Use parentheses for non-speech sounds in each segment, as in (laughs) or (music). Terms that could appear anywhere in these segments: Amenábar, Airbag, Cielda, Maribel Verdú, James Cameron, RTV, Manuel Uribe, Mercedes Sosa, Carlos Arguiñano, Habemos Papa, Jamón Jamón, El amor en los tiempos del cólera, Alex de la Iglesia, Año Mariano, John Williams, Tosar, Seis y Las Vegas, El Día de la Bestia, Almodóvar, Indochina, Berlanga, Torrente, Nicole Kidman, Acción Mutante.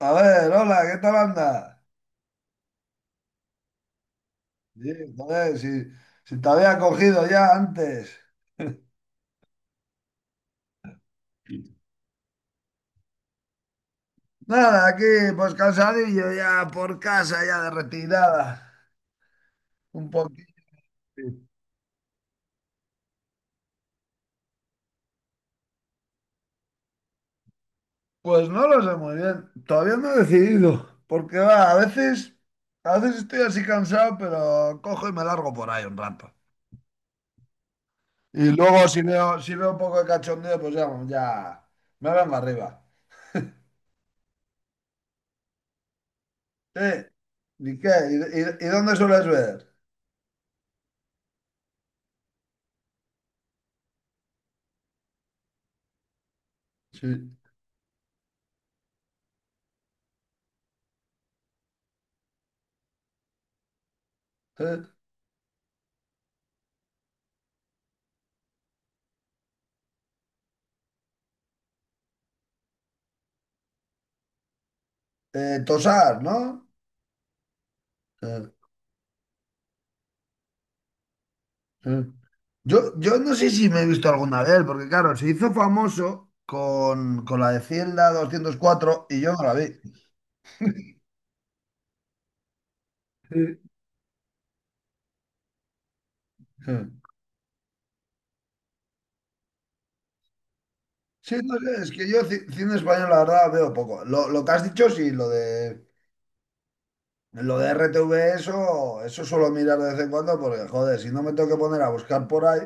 A ver, hola, ¿qué tal anda? Sí, joder, si te había cogido ya antes. (laughs) Nada, aquí pues cansadillo ya por casa, ya de retirada. Un poquito. Pues no lo sé muy bien. Todavía no he decidido. Porque va, a veces estoy así cansado, pero cojo y me largo por ahí un rato. Y luego si veo un poco de cachondeo, pues ya, ya me vengo arriba. Sí. ¿Y qué? ¿Y dónde sueles ver? Sí. ¿Eh? Tosar, ¿no? Eh, eh. Yo no sé si me he visto alguna de él, porque claro, se hizo famoso con la de Cielda 204 y yo no la vi. Sí, sí. Sí, no sé, es que yo cine español la verdad veo poco. Lo que has dicho, sí, lo de RTV, eso, eso suelo mirar de vez en cuando, porque joder, si no me tengo que poner a buscar por ahí,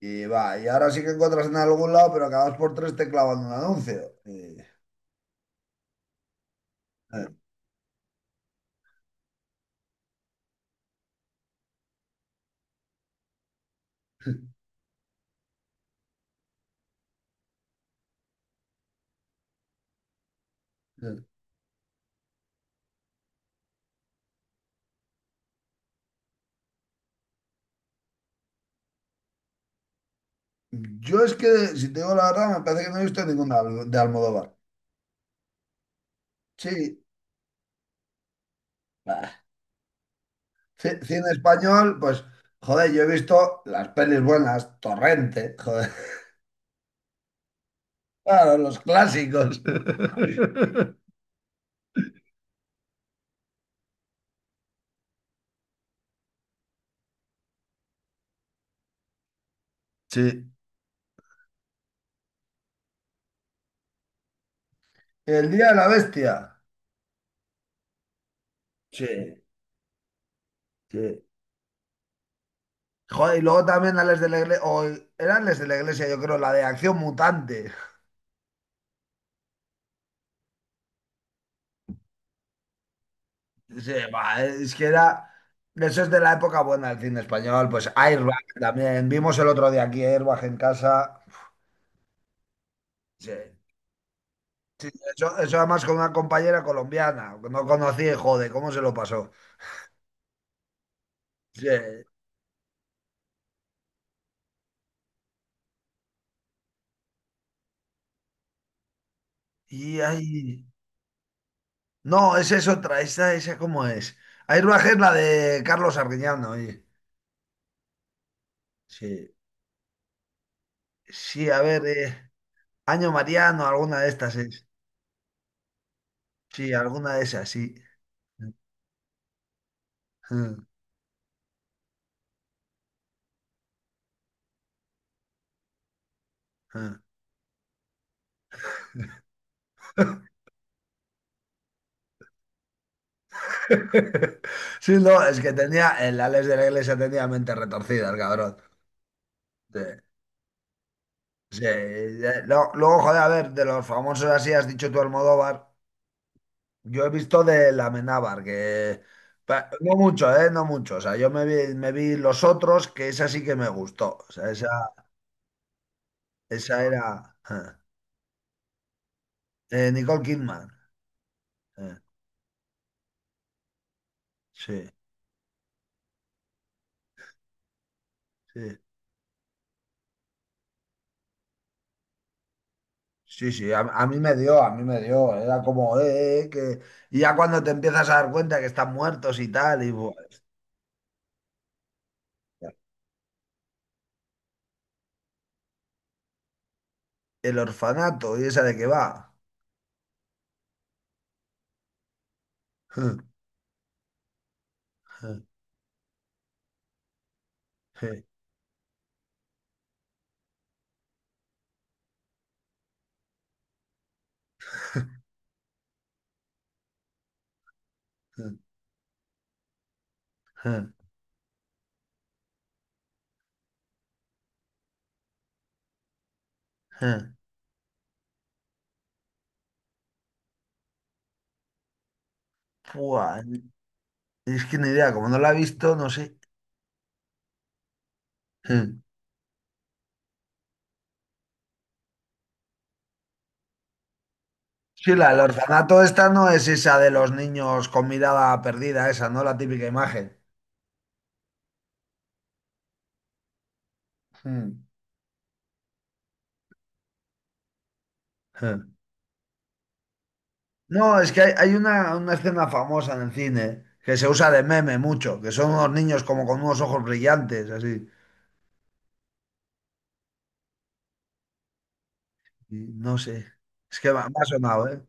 y va, y ahora sí que encuentras en algún lado, pero acabas por tres te clavan un anuncio. Y, eh. Yo es que, si te digo la verdad, me parece que no he visto ninguna de Almodóvar. Sí, bah, cine español, pues, joder, yo he visto las pelis buenas, Torrente, joder, (laughs) claro, los clásicos. (laughs) Sí. El Día de la Bestia. Sí, sí. Joder, y luego también a Les de la Iglesia, o eran Les de la Iglesia, yo creo, la de Acción Mutante. Sí, va es que era, eso es de la época buena del cine español, pues Airbag también, vimos el otro día aquí Airbag en casa. Sí. Sí, eso además con una compañera colombiana, que no conocí, joder, ¿cómo se lo pasó? Sí, y ahí... No, esa es otra, esa cómo es. Hay una que es la de Carlos Arguiñano, oye. Sí, sí, a ver, Año Mariano, alguna de estas es. Sí, alguna de esas, sí. (laughs) Sí, no, es que tenía, el Alex de la Iglesia tenía mente retorcida, el cabrón. Sí, sí, no, luego, joder, a ver, de los famosos así, has dicho tú Almodóvar. Yo he visto de la Amenábar, que no mucho, ¿eh? No mucho. O sea, yo me vi los otros, que esa sí que me gustó. O sea, esa era (laughs) Nicole Kidman. eh, sí, sí. Sí, sí, a mí me dio, a mí me dio. Era como, que... Y ya cuando te empiezas a dar cuenta que están muertos y tal, y buah, el orfanato, ¿y esa de qué va? (laughs) Buah, es que ni idea, como no la he visto, no sé. Sí, la del orfanato esta no es esa de los niños con mirada perdida, esa, ¿no? La típica imagen. Mm. Mm. No, es que hay una escena famosa en el cine que se usa de meme mucho, que son unos niños como con unos ojos brillantes, así. Y no sé. Es que me ha sonado, ¿eh?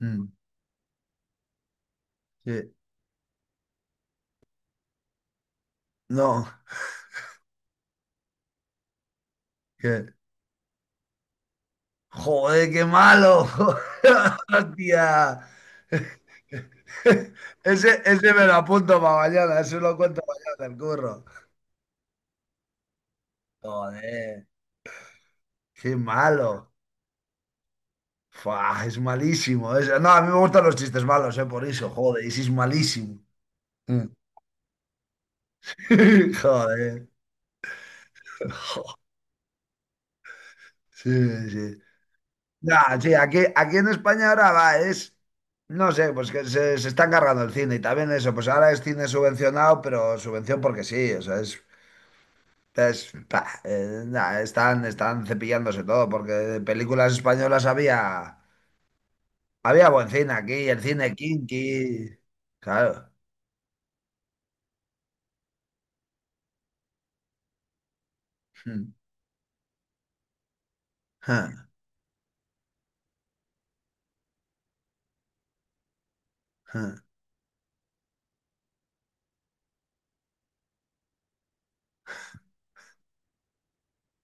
Mm, sí. No, que. ¡Joder, qué malo! (laughs) ¡Hostia! (laughs) Ese me lo apunto para mañana, eso lo cuento mañana, el curro. Joder. Qué malo. Fua, es malísimo. No, a mí me gustan los chistes malos, por eso, joder, y si es malísimo. Mm. (laughs) Joder. Sí, sí. No, sí, aquí en España ahora va, es, no sé, pues que se están cargando el cine y también eso, pues ahora es cine subvencionado, pero subvención porque sí, o sea, es, nah, están cepillándose todo, porque de películas españolas había buen cine aquí, el cine kinky, claro. (laughs)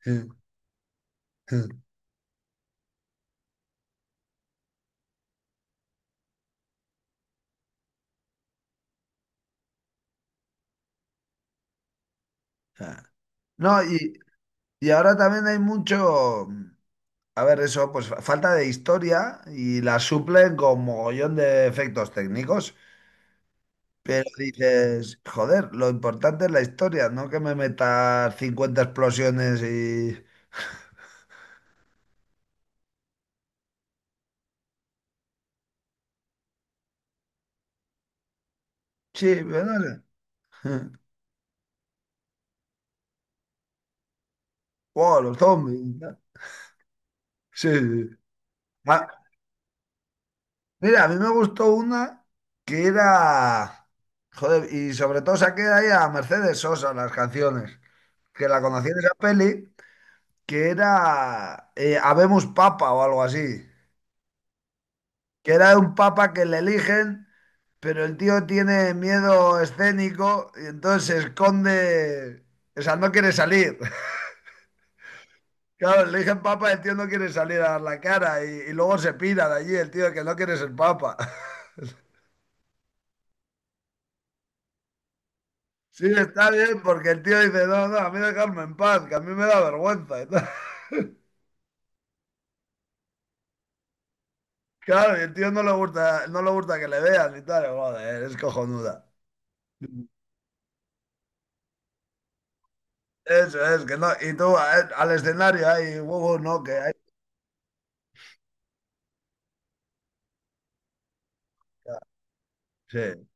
Mm, mm. Ah. No, y ahora también hay mucho, a ver, eso, pues falta de historia y la suplen con mogollón de efectos técnicos. Pero dices, joder, lo importante es la historia, no que me metas 50 explosiones y... Sí, pero no sé. (laughs) Wow, los zombies. Y tal. Sí, sí. Ah, mira, a mí me gustó una que era... Joder, y sobre todo saqué ahí a Mercedes Sosa las canciones, que la conocí en esa peli que era Habemos Papa o algo así, que era un papa que le eligen, pero el tío tiene miedo escénico y entonces se esconde, o sea, no quiere salir. (laughs) Claro, le eligen papa, el tío no quiere salir a dar la cara y luego se pira de allí el tío que no quiere ser papa. (laughs) Sí, está bien, porque el tío dice, no, no, a mí dejarme en paz, que a mí me da vergüenza y tal. (laughs) Claro, y el tío no le gusta, no le gusta que le vean y tal. Joder, es cojonuda. Eso es, que no. Y tú al escenario ahí, huevos, no, que hay. Sí.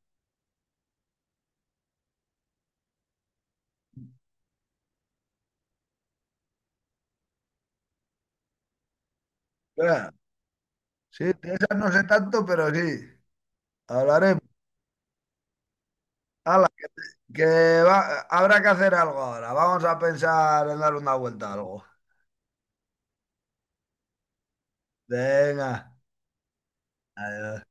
Espera, sí, de esas no sé tanto, pero sí. Hablaremos. Hala, que habrá que hacer algo ahora. Vamos a pensar en dar una vuelta a algo. Venga. Adiós.